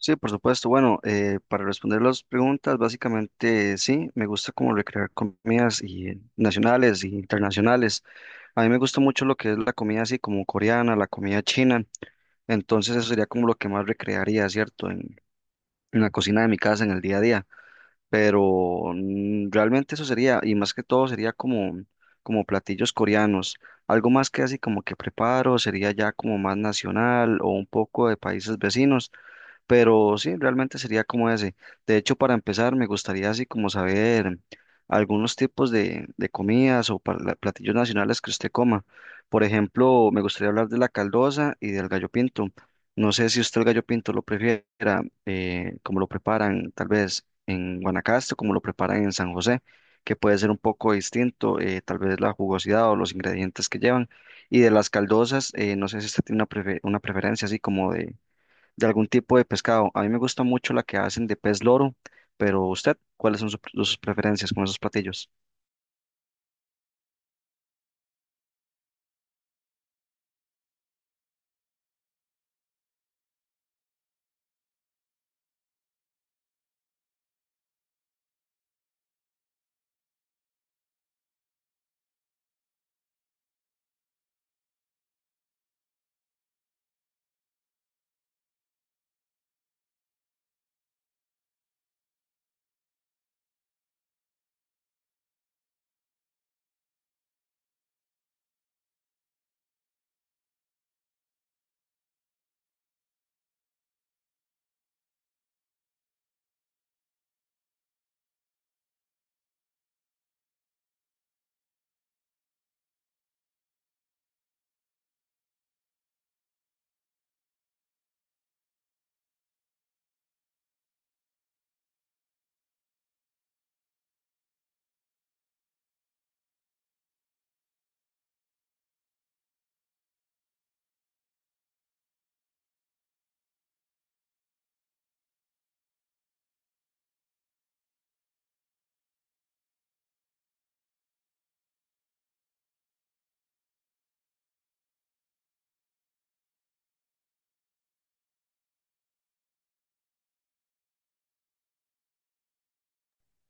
Sí, por supuesto. Bueno, para responder las preguntas, básicamente sí, me gusta como recrear comidas y, nacionales e internacionales. A mí me gusta mucho lo que es la comida así como coreana, la comida china. Entonces eso sería como lo que más recrearía, ¿cierto? En la cocina de mi casa, en el día a día. Pero realmente eso sería, y más que todo sería como, como platillos coreanos. Algo más que así como que preparo sería ya como más nacional o un poco de países vecinos. Pero sí, realmente sería como ese. De hecho, para empezar, me gustaría así como saber algunos tipos de comidas o platillos nacionales que usted coma. Por ejemplo, me gustaría hablar de la caldosa y del gallo pinto. No sé si usted el gallo pinto lo prefiera, como lo preparan tal vez en Guanacaste, como lo preparan en San José, que puede ser un poco distinto, tal vez la jugosidad o los ingredientes que llevan. Y de las caldosas, no sé si usted tiene una, una preferencia así como de algún tipo de pescado. A mí me gusta mucho la que hacen de pez loro, pero usted, ¿cuáles son sus preferencias con esos platillos?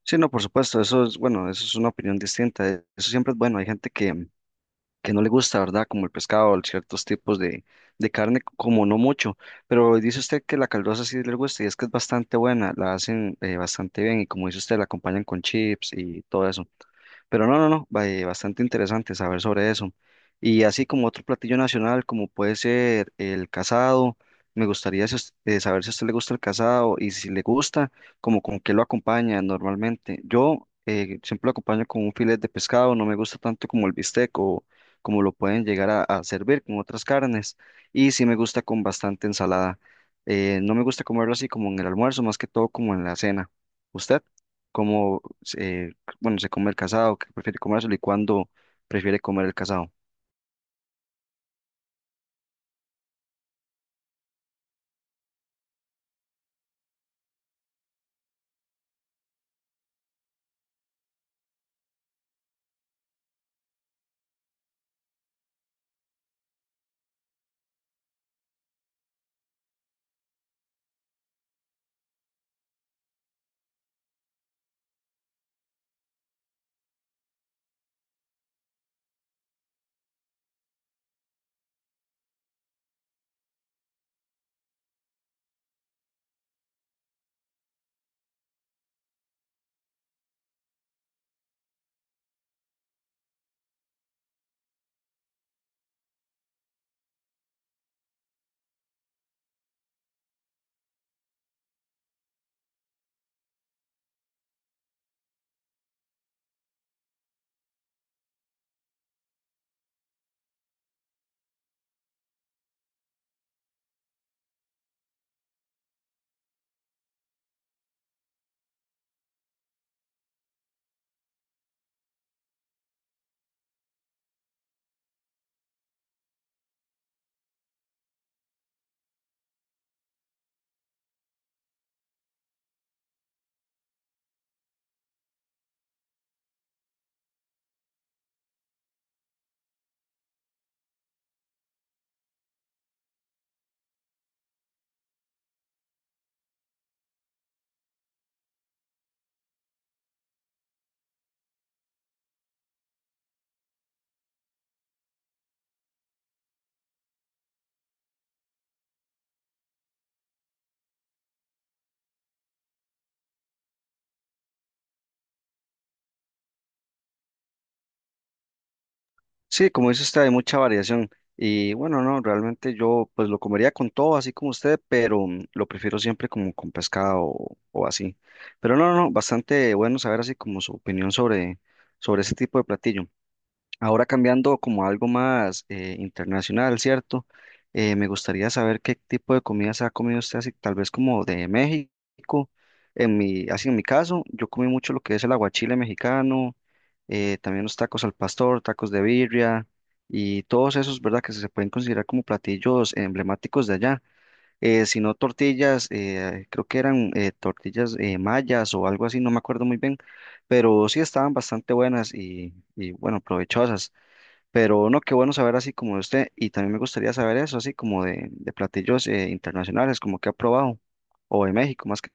Sí, no, por supuesto, eso es, bueno, eso es una opinión distinta. Eso siempre es bueno. Hay gente que no le gusta, ¿verdad? Como el pescado, ciertos tipos de carne, como no mucho. Pero dice usted que la caldosa sí le gusta y es que es bastante buena, la hacen bastante bien y como dice usted, la acompañan con chips y todo eso. Pero no, no, no, bastante interesante saber sobre eso. Y así como otro platillo nacional, como puede ser el casado, me gustaría si saber si a usted le gusta el casado y si le gusta, como con qué lo acompaña normalmente. Yo siempre lo acompaño con un filete de pescado, no me gusta tanto como el bistec o como lo pueden llegar a servir con otras carnes. Y sí me gusta con bastante ensalada. No me gusta comerlo así como en el almuerzo, más que todo como en la cena. ¿Usted? ¿Cómo eh, bueno, se come el casado, que prefiere comérselo y cuándo prefiere comer el casado? Sí, como dice usted, hay mucha variación. Y bueno, no, realmente yo pues lo comería con todo, así como usted, pero lo prefiero siempre como con pescado o así. Pero no, no, no, bastante bueno saber así como su opinión sobre, sobre ese tipo de platillo. Ahora cambiando como a algo más internacional, ¿cierto? Me gustaría saber qué tipo de comidas ha comido usted, así, tal vez como de México. En mi, así en mi caso, yo comí mucho lo que es el aguachile mexicano, también los tacos al pastor, tacos de birria y todos esos, ¿verdad? Que se pueden considerar como platillos emblemáticos de allá. Si no tortillas, creo que eran tortillas mayas o algo así, no me acuerdo muy bien, pero sí estaban bastante buenas y bueno, provechosas. Pero no, qué bueno saber así como de usted. Y también me gustaría saber eso, así como de platillos internacionales, como que ha probado, o de México más que.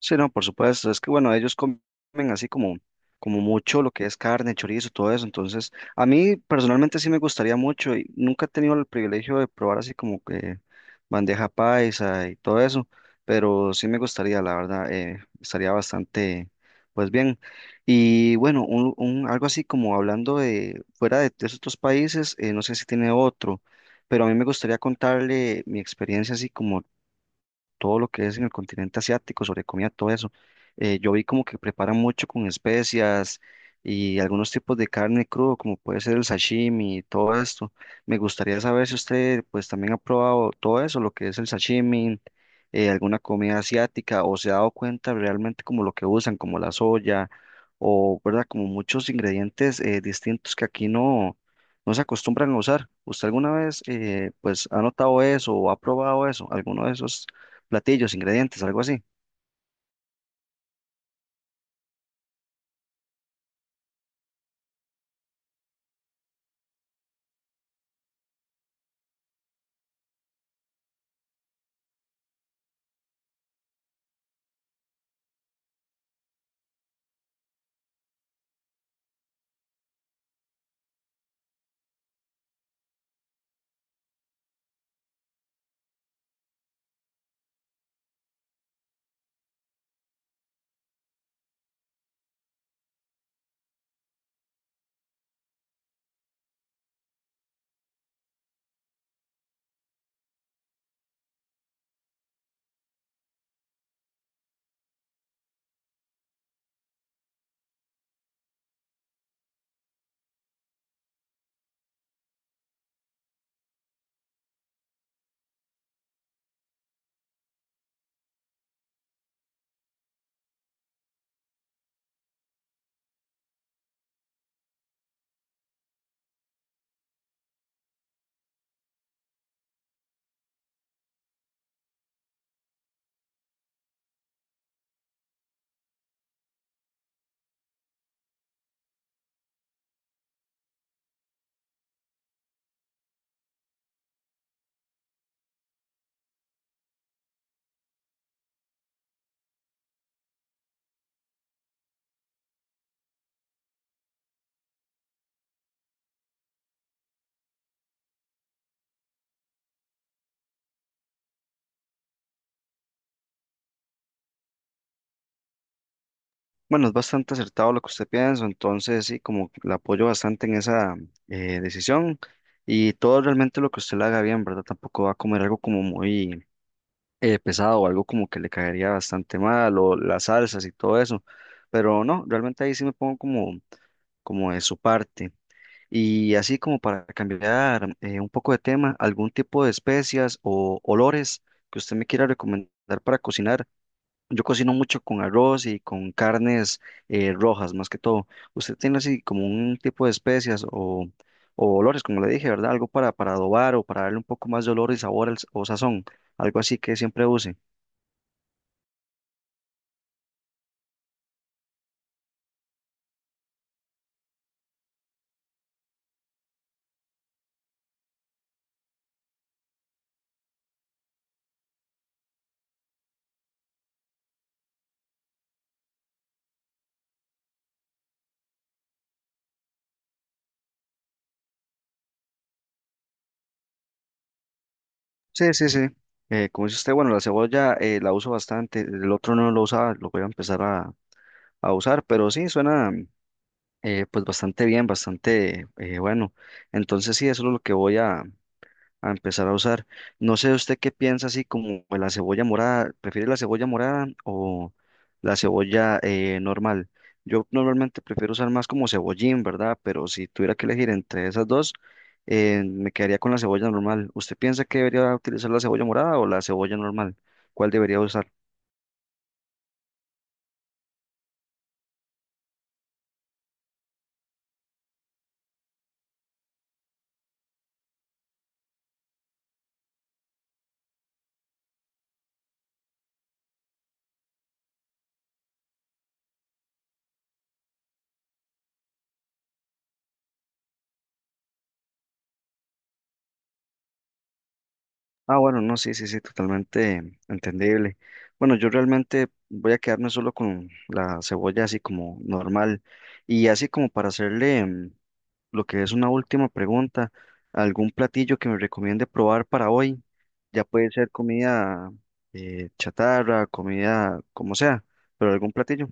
Sí, no, por supuesto. Es que bueno, ellos comen así como, como mucho lo que es carne, chorizo, todo eso. Entonces, a mí personalmente sí me gustaría mucho y nunca he tenido el privilegio de probar así como que bandeja paisa y todo eso, pero sí me gustaría, la verdad, estaría bastante, pues bien. Y bueno, algo así como hablando de fuera de esos otros países, no sé si tiene otro, pero a mí me gustaría contarle mi experiencia así como todo lo que es en el continente asiático, sobre comida, todo eso. Yo vi como que preparan mucho con especias y algunos tipos de carne crudo, como puede ser el sashimi y todo esto. Me gustaría saber si usted pues también ha probado todo eso, lo que es el sashimi, alguna comida asiática, o se ha dado cuenta realmente como lo que usan, como la soya, o verdad, como muchos ingredientes distintos que aquí no, no se acostumbran a usar. ¿Usted alguna vez pues ha notado eso o ha probado eso, alguno de esos platillos, ingredientes, algo así? Bueno, es bastante acertado lo que usted piensa, entonces sí, como que la apoyo bastante en esa decisión y todo realmente lo que usted le haga bien, ¿verdad? Tampoco va a comer algo como muy pesado o algo como que le caería bastante mal o las salsas y todo eso, pero no, realmente ahí sí me pongo como, como de su parte. Y así como para cambiar un poco de tema, algún tipo de especias o olores que usted me quiera recomendar para cocinar. Yo cocino mucho con arroz y con carnes rojas, más que todo. ¿Usted tiene así como un tipo de especias o olores, como le dije, ¿verdad? Algo para adobar o para darle un poco más de olor y sabor o sazón, algo así que siempre use? Sí, sí, sí. Como dice usted, bueno, la cebolla la uso bastante, el otro no lo usaba, lo voy a empezar a usar, pero sí, suena pues bastante bien, bastante bueno. Entonces sí, eso es lo que voy a empezar a usar. No sé usted qué piensa así como de la cebolla morada, ¿prefiere la cebolla morada o la cebolla normal? Yo normalmente prefiero usar más como cebollín, ¿verdad? Pero si tuviera que elegir entre esas dos, me quedaría con la cebolla normal. ¿Usted piensa que debería utilizar la cebolla morada o la cebolla normal? ¿Cuál debería usar? Ah, bueno, no, sí, sí, sí, totalmente entendible. Bueno, yo realmente voy a quedarme solo con la cebolla así como normal y así como para hacerle lo que es una última pregunta, ¿algún platillo que me recomiende probar para hoy? Ya puede ser comida chatarra, comida como sea, pero algún platillo.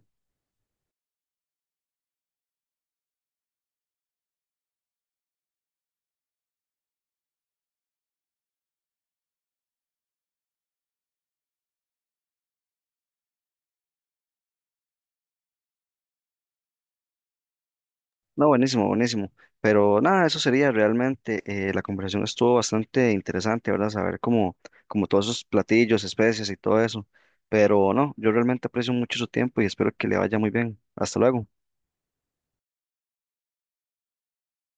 No, buenísimo, buenísimo. Pero nada, eso sería realmente, la conversación estuvo bastante interesante, ¿verdad? Saber cómo, como todos esos platillos, especies y todo eso. Pero no, yo realmente aprecio mucho su tiempo y espero que le vaya muy bien. Hasta luego.